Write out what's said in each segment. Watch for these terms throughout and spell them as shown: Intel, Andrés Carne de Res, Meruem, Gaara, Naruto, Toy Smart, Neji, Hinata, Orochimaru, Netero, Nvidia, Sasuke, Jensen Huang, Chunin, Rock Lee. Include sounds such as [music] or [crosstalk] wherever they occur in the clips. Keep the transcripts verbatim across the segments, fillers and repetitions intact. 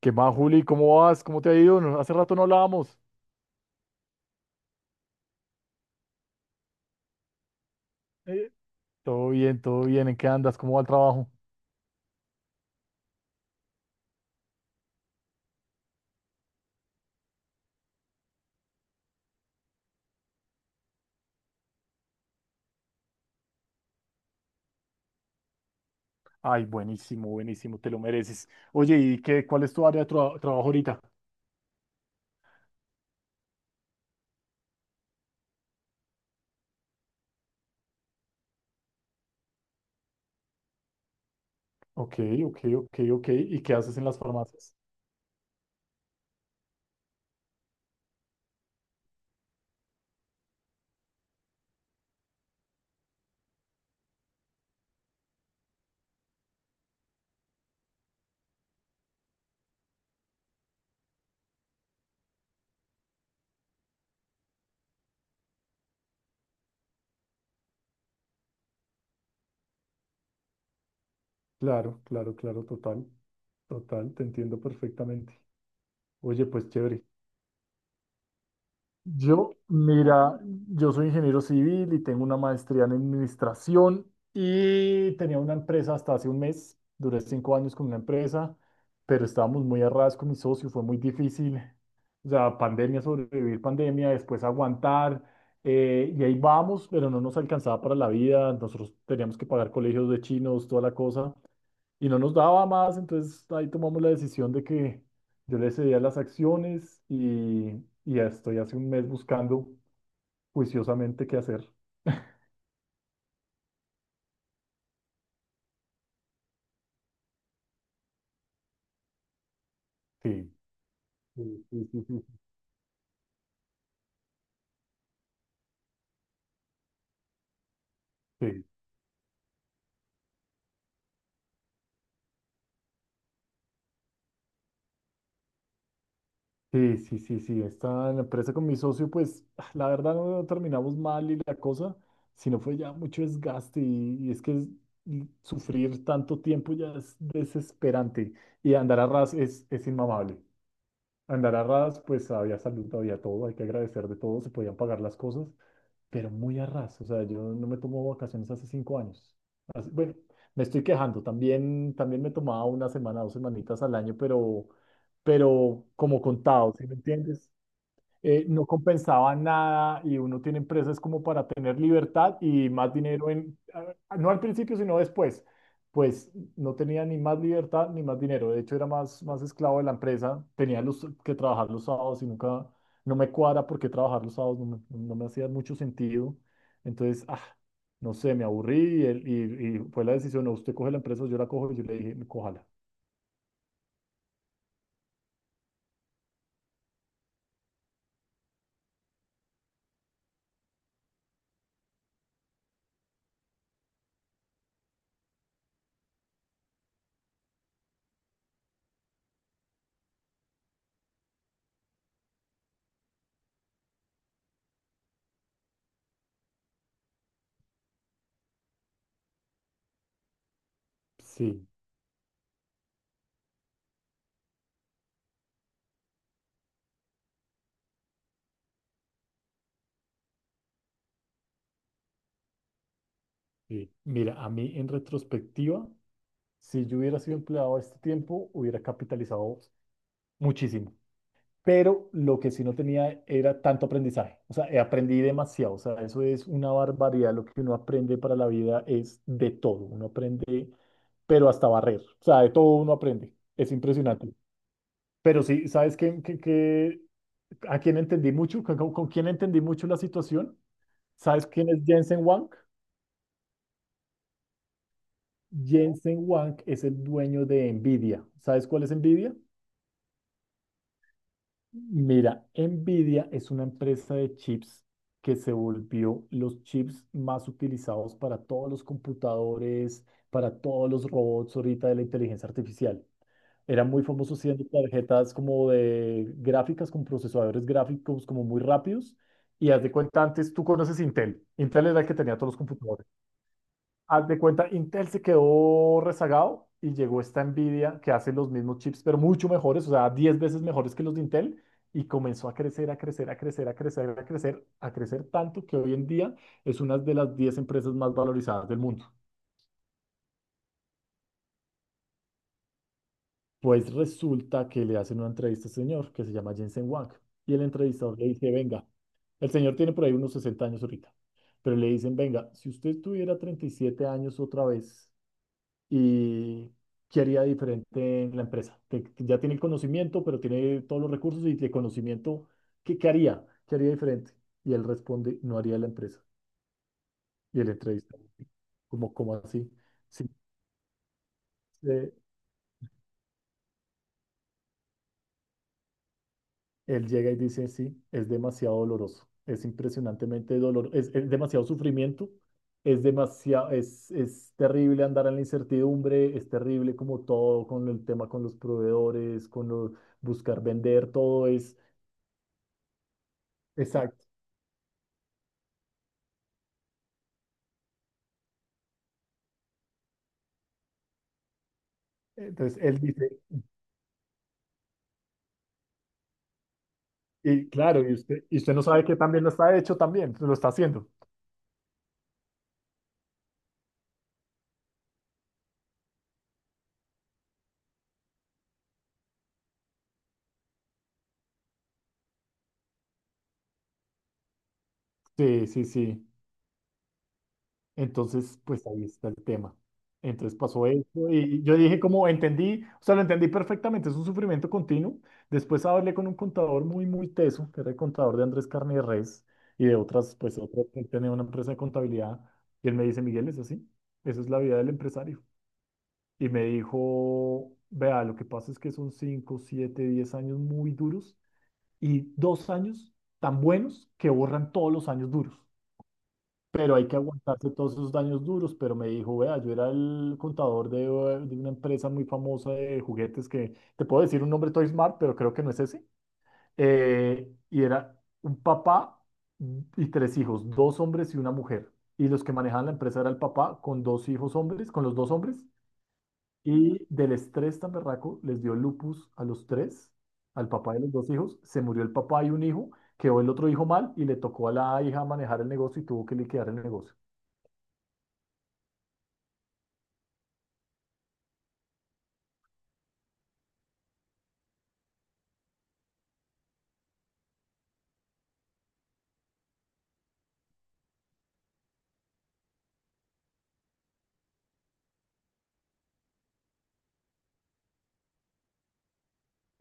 ¿Qué más, Juli? ¿Cómo vas? ¿Cómo te ha ido? No- Hace rato no hablábamos. Eh, Todo bien, todo bien. ¿En qué andas? ¿Cómo va el trabajo? Ay, buenísimo, buenísimo, te lo mereces. Oye, ¿y qué, cuál es tu área de tra- trabajo ahorita? Ok, ok, ok, ok. ¿Y qué haces en las farmacias? Claro, claro, claro, total. Total, te entiendo perfectamente. Oye, pues chévere. Yo, mira, yo soy ingeniero civil y tengo una maestría en administración y tenía una empresa hasta hace un mes, duré cinco años con una empresa, pero estábamos muy a ras con mi socio, fue muy difícil, o sea, pandemia, sobrevivir pandemia, después aguantar, eh, y ahí vamos, pero no nos alcanzaba para la vida, nosotros teníamos que pagar colegios de chinos, toda la cosa, y no nos daba más, entonces ahí tomamos la decisión de que yo le cedía las acciones y, y ya estoy hace un mes buscando juiciosamente qué hacer. Sí, sí, sí, sí, sí, sí, sí, sí, sí, sí, esta la empresa con mi socio, pues la verdad no terminamos mal y la cosa, sino fue ya mucho desgaste y, y es que es- y sufrir tanto tiempo ya es desesperante y andar a ras es, es inmamable. Andar a ras, pues había salud, había todo, hay que agradecer de todo, se podían pagar las cosas, pero muy a ras. O sea, yo no me tomo vacaciones hace cinco años. Así- bueno, me estoy quejando, también, también me tomaba una semana, dos semanitas al año, pero, pero como contado, ¿sí me entiendes? Eh, no compensaba nada y uno tiene empresas como para tener libertad y más dinero en, a- no al principio, sino después. Pues no tenía ni más libertad ni más dinero. De hecho, era más, más esclavo de la empresa. Tenía los, que trabajar los sábados y nunca, no me cuadra porque trabajar los sábados no me, no me hacía mucho sentido. Entonces, ah, no sé, me aburrí y, él- y, y fue la decisión, no, usted coge la empresa, yo la cojo y yo le dije, cójala. Sí, sí. Mira, a mí en retrospectiva, si yo hubiera sido empleado a este tiempo, hubiera capitalizado muchísimo. Pero lo que sí no tenía era tanto aprendizaje. O sea, eh, aprendí demasiado. O sea, eso es una barbaridad. Lo que uno aprende para la vida es de todo. Uno aprende, pero hasta barrer. O sea, de todo uno aprende. Es impresionante. Pero sí, ¿sabes qué, qué- qué- a quién entendí mucho? ¿Con, con- con quién entendí mucho la situación? ¿Sabes quién es Jensen Huang? Jensen Huang es el dueño de Nvidia. ¿Sabes cuál es Nvidia? Mira, Nvidia es una empresa de chips que se volvió los chips más utilizados para todos los computadores, para todos los robots ahorita de la inteligencia artificial. Era muy famoso siendo tarjetas como de gráficas, con procesadores gráficos como muy rápidos. Y haz de cuenta, antes tú conoces Intel. Intel era el que tenía todos los computadores. Haz de cuenta, Intel se quedó rezagado y llegó esta Nvidia que hace los mismos chips, pero mucho mejores, o sea, diez veces mejores que los de Intel, y comenzó a crecer, a crecer, a crecer, a crecer, a crecer, a crecer tanto que hoy en día es una de las diez empresas más valorizadas del mundo. Pues resulta que le hacen una entrevista a este señor que se llama Jensen Huang, y el entrevistador le dice, venga, el señor tiene por ahí unos sesenta años ahorita, pero le dicen, venga, si usted tuviera treinta y siete años otra vez, y qué haría diferente en la empresa. Que, que ya tiene el conocimiento, pero tiene todos los recursos y de conocimiento, ¿qué, qué haría? ¿Qué haría diferente? Y él responde, no haría la empresa. Y el entrevistador como, ¿cómo así? Sí, eh, él llega y dice, sí, es demasiado doloroso, es impresionantemente doloroso, es, es demasiado sufrimiento. Es demasiado, es, es terrible andar en la incertidumbre, es terrible como todo con el tema con los proveedores, con los, buscar vender, todo es, exacto, entonces él dice, y claro, y usted, y usted no sabe que también lo está hecho también, lo está haciendo. Sí, sí, sí. Entonces, pues ahí está el tema. Entonces pasó eso y yo dije como entendí, o sea, lo entendí perfectamente, es un sufrimiento continuo. Después hablé con un contador muy, muy teso, que era el contador de Andrés Carne de Res y de otras, pues otras, él tenía una empresa de contabilidad y él me dice, Miguel, es así, esa es la vida del empresario. Y me dijo, vea, lo que pasa es que son cinco siete diez años muy duros y dos años tan buenos que borran todos los años duros. Pero hay que aguantarse todos esos años duros. Pero me dijo, vea, yo era el contador de, eh, de una empresa muy famosa de juguetes que te puedo decir un nombre Toy Smart, pero creo que no es ese. Eh, y era un papá y tres hijos, dos hombres y una mujer. Y los que manejaban la empresa era el papá con dos hijos hombres, con los dos hombres, y del estrés tan berraco les dio lupus a los tres, al papá de los dos hijos. Se murió el papá y un hijo, quedó el otro hijo mal y le tocó a la hija manejar el negocio y tuvo que liquidar el negocio.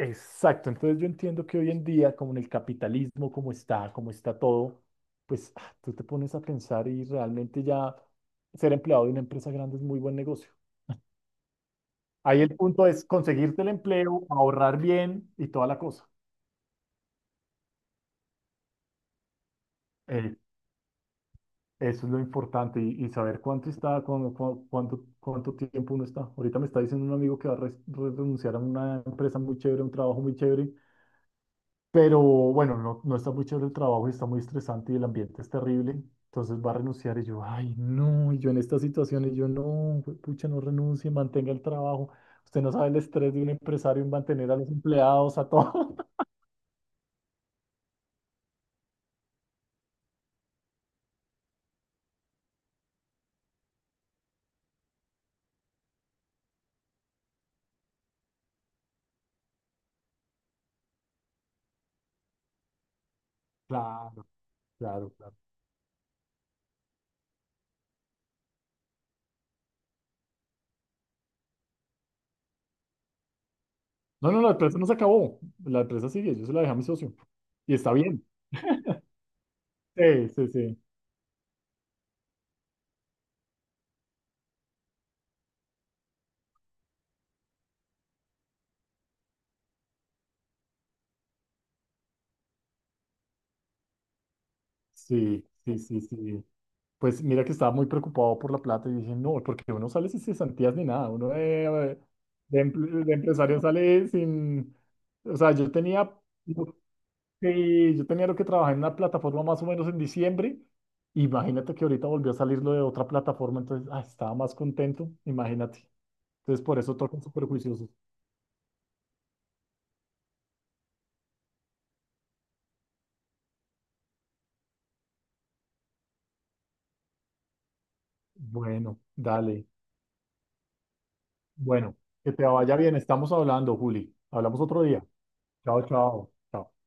Exacto, entonces yo entiendo que hoy en día, como en el capitalismo, como está, como está todo, pues ah, tú te pones a pensar y realmente ya ser empleado de una empresa grande es muy buen negocio. Ahí el punto es conseguirte el empleo, ahorrar bien y toda la cosa. Eh, Eso es lo importante y, y saber cuánto está, cuándo- cu- cuánto, cuánto, tiempo uno está. Ahorita me está diciendo un amigo que va a res- renunciar a una empresa muy chévere, a un trabajo muy chévere, pero bueno, no, no está muy chévere el trabajo y está muy estresante y el ambiente es terrible. Entonces va a renunciar y yo, ay, no, y yo en estas situaciones, yo no, pucha, no renuncie, mantenga el trabajo. Usted no sabe el estrés de un empresario en mantener a los empleados, a todo. [laughs] Claro, claro, claro. No, no, la empresa no se acabó. La empresa sigue, yo se la dejé a mi socio. Y está bien. Sí, sí, sí, sí, sí, sí, sí. Pues mira que estaba muy preocupado por la plata y dije, no, porque uno sale sin cesantías ni nada, uno de, de, empl- de empresario sale sin, o sea, yo tenía, lo que- yo tenía lo que trabajé en una plataforma más o menos en diciembre, imagínate que ahorita volvió a salirlo de otra plataforma, entonces, ah, estaba más contento, imagínate. Entonces, por eso tocan súper juiciosos. Bueno, dale, bueno, que te vaya bien, estamos hablando, Juli, hablamos otro día. Chao, chao, chao.